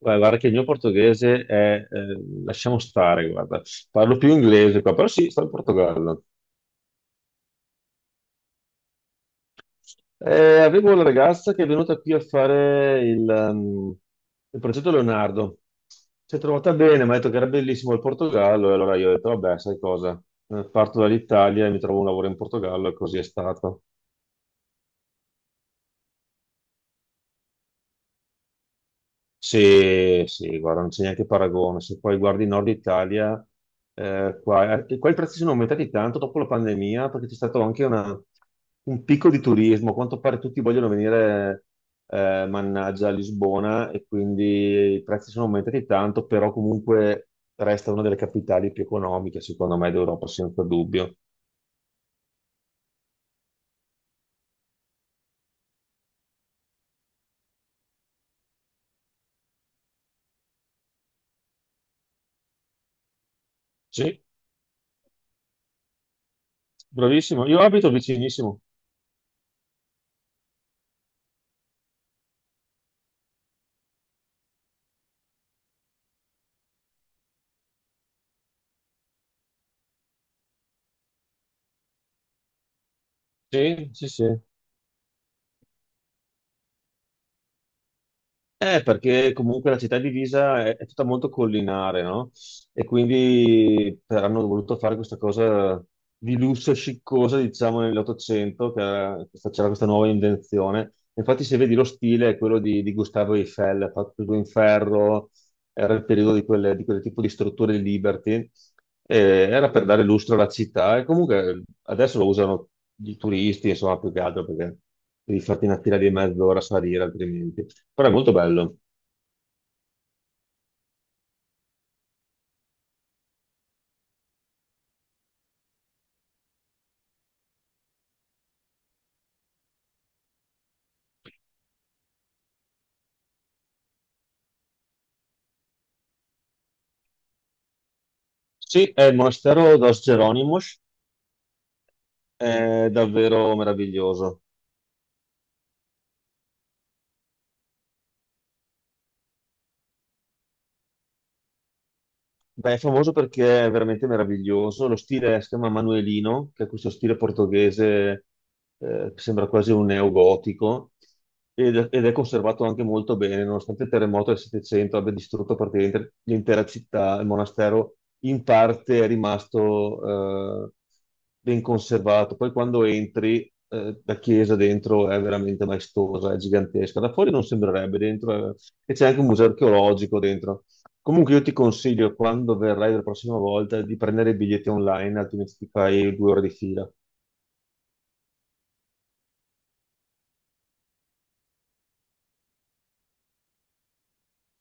Guarda, guarda che il mio portoghese è, lasciamo stare, guarda, parlo più inglese qua, però sì, sto in Portogallo. Avevo una ragazza che è venuta qui a fare il progetto Leonardo. Si è trovata bene, mi ha detto che era bellissimo il Portogallo, e allora io ho detto, vabbè, sai cosa, parto dall'Italia e mi trovo un lavoro in Portogallo, e così è stato. Sì, sì, guarda, non c'è neanche paragone. Se poi guardi il Nord Italia, qua, qua i prezzi sono aumentati tanto dopo la pandemia perché c'è stato anche un picco di turismo. A quanto pare tutti vogliono venire, mannaggia, a Lisbona e quindi i prezzi sono aumentati tanto, però comunque resta una delle capitali più economiche, secondo me, d'Europa, senza dubbio. Sì, bravissimo. Io abito vicinissimo. Sì, sì, sì. Perché comunque la città di Pisa è tutta molto collinare, no? E quindi hanno voluto fare questa cosa di lusso e sciccosa, diciamo, nell'Ottocento, c'era questa nuova invenzione. Infatti, se vedi lo stile è quello di Gustavo Eiffel, fatto tutto in ferro, era il periodo di quel tipo di strutture di Liberty, e era per dare lustro alla città. E comunque adesso lo usano i turisti, insomma, più che altro perché devi farti una fila di mezz'ora a salire altrimenti. Però è molto bello. Sì, è il monastero Dos Geronimos, è davvero meraviglioso. Beh, è famoso perché è veramente meraviglioso. Lo stile si chiama Manuelino, che è questo stile portoghese, che sembra quasi un neogotico, ed è conservato anche molto bene, nonostante il terremoto del 700 abbia distrutto praticamente l'intera città. Il monastero in parte è rimasto, ben conservato. Poi quando entri, la chiesa dentro è veramente maestosa, è gigantesca. Da fuori non sembrerebbe, e c'è anche un museo archeologico dentro. Comunque io ti consiglio, quando verrai la prossima volta, di prendere i biglietti online, altrimenti ti fai due ore di fila.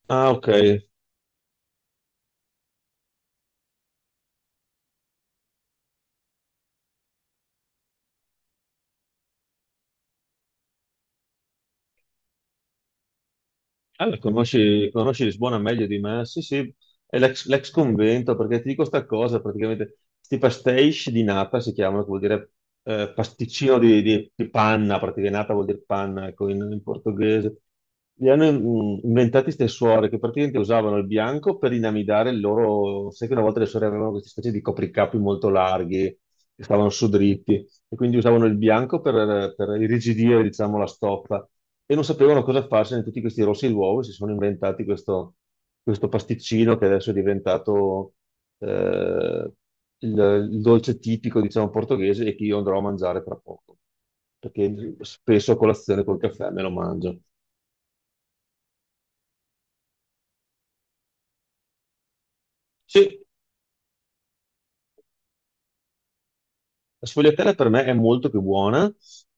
Ah, ok. Allora, conosci Lisbona meglio di me? Sì, sì, è l'ex convento, perché ti dico sta cosa, praticamente, questi pastéis di nata si chiamano, che vuol dire pasticcino di panna, praticamente nata vuol dire panna, ecco, in portoghese. Li hanno inventati queste suore che praticamente usavano il bianco per inamidare il loro... Sai che una volta le suore avevano queste specie di copricapi molto larghi, che stavano su dritti e quindi usavano il bianco per irrigidire, diciamo, la stoffa e non sapevano cosa farsene di tutti questi rossi d'uovo e si sono inventati questo pasticcino che adesso è diventato eh, il dolce tipico, diciamo, portoghese e che io andrò a mangiare tra poco, perché spesso a colazione col caffè me lo mangio. Sì, la sfogliatella per me è molto più buona,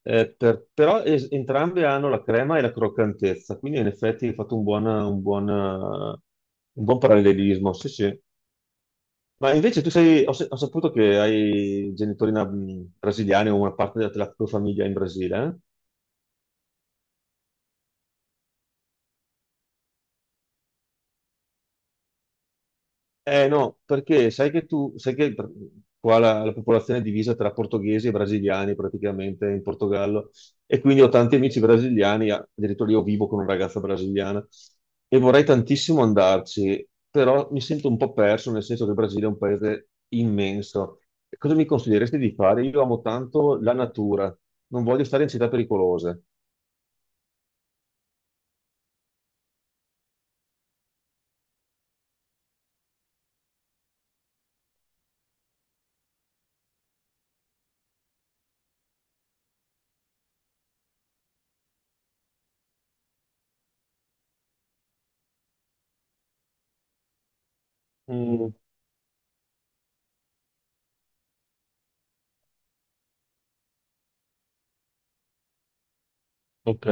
però entrambe hanno la crema e la croccantezza, quindi in effetti hai fatto un buon parallelismo. Sì, sì. Ma invece tu sei, ho, se- ho saputo che hai brasiliani o una parte della tua famiglia in Brasile, eh? Eh no, perché sai che qua la popolazione è divisa tra portoghesi e brasiliani praticamente in Portogallo e quindi ho tanti amici brasiliani, addirittura io vivo con una ragazza brasiliana e vorrei tantissimo andarci, però mi sento un po' perso nel senso che il Brasile è un paese immenso. E cosa mi consiglieresti di fare? Io amo tanto la natura, non voglio stare in città pericolose. Mm, ok.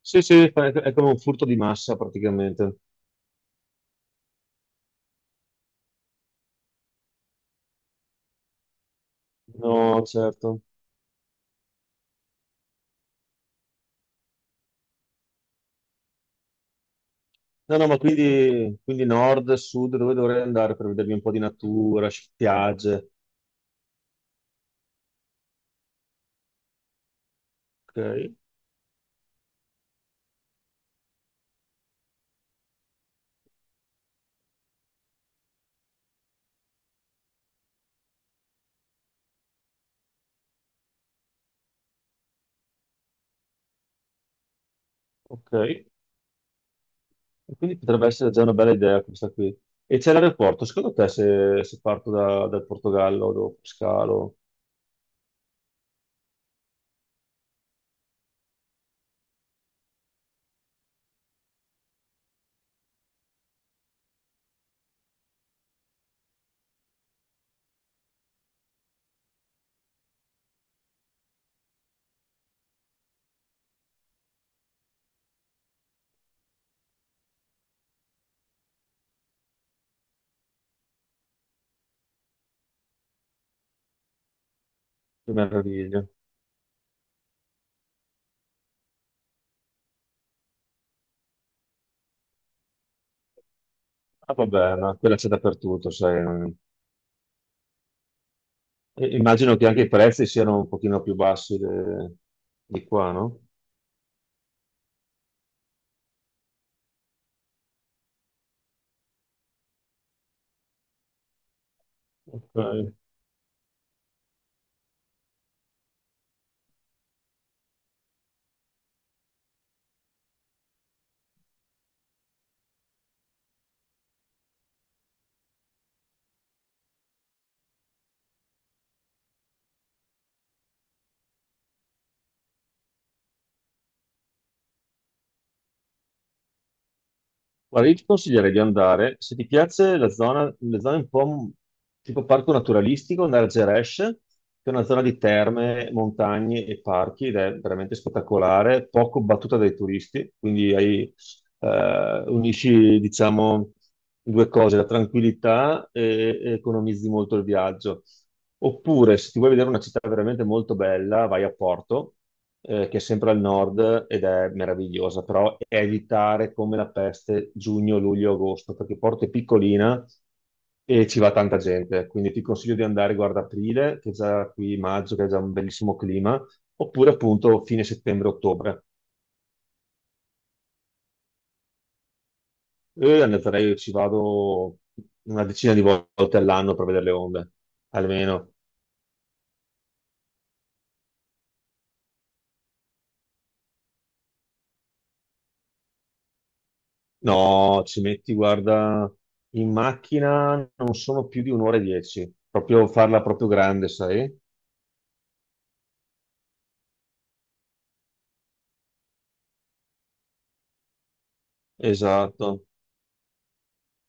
Sì, sì, è come un furto di massa praticamente. No, certo. No, no, ma quindi, quindi nord, sud, dove dovrei andare per vedervi un po' di natura, spiagge? Ok, ok. E quindi potrebbe essere già una bella idea questa qui. E c'è l'aeroporto, secondo te se parto dal Portogallo dopo scalo, che meraviglia. Ah, vabbè, ma quella c'è dappertutto, sai. Non... E immagino che anche i prezzi siano un pochino più bassi di qua, no? Ok. Guarda, io ti consiglierei di andare, se ti piace la zona un po' tipo parco naturalistico, andare a Geresh, che è una zona di terme, montagne e parchi ed è veramente spettacolare, poco battuta dai turisti, quindi hai unisci, diciamo, due cose, la tranquillità e economizzi molto il viaggio. Oppure, se ti vuoi vedere una città veramente molto bella, vai a Porto, che è sempre al nord ed è meravigliosa, però evitare come la peste giugno, luglio, agosto, perché Porto è piccolina e ci va tanta gente. Quindi ti consiglio di andare, guarda, aprile, che è già qui maggio, che è già un bellissimo clima, oppure appunto fine settembre-ottobre. Io le andrei, ci vado una decina di volte all'anno per vedere le onde, almeno. No, ci metti, guarda, in macchina non sono più di un'ora e dieci, proprio farla proprio grande, sai? Esatto.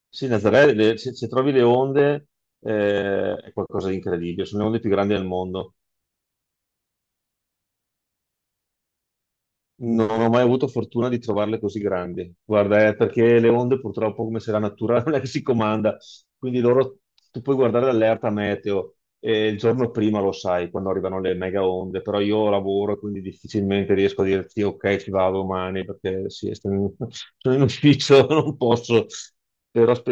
Sì, Nazaré, se trovi le onde è qualcosa di incredibile, sono le onde più grandi del mondo. Non ho mai avuto fortuna di trovarle così grandi. Guarda, perché le onde purtroppo, come se la natura non è che si comanda, quindi loro tu puoi guardare l'allerta meteo e il giorno prima lo sai quando arrivano le mega onde, però io lavoro e quindi difficilmente riesco a dirti ok, ci vado domani perché sì, sto in- sono in ufficio, non posso, però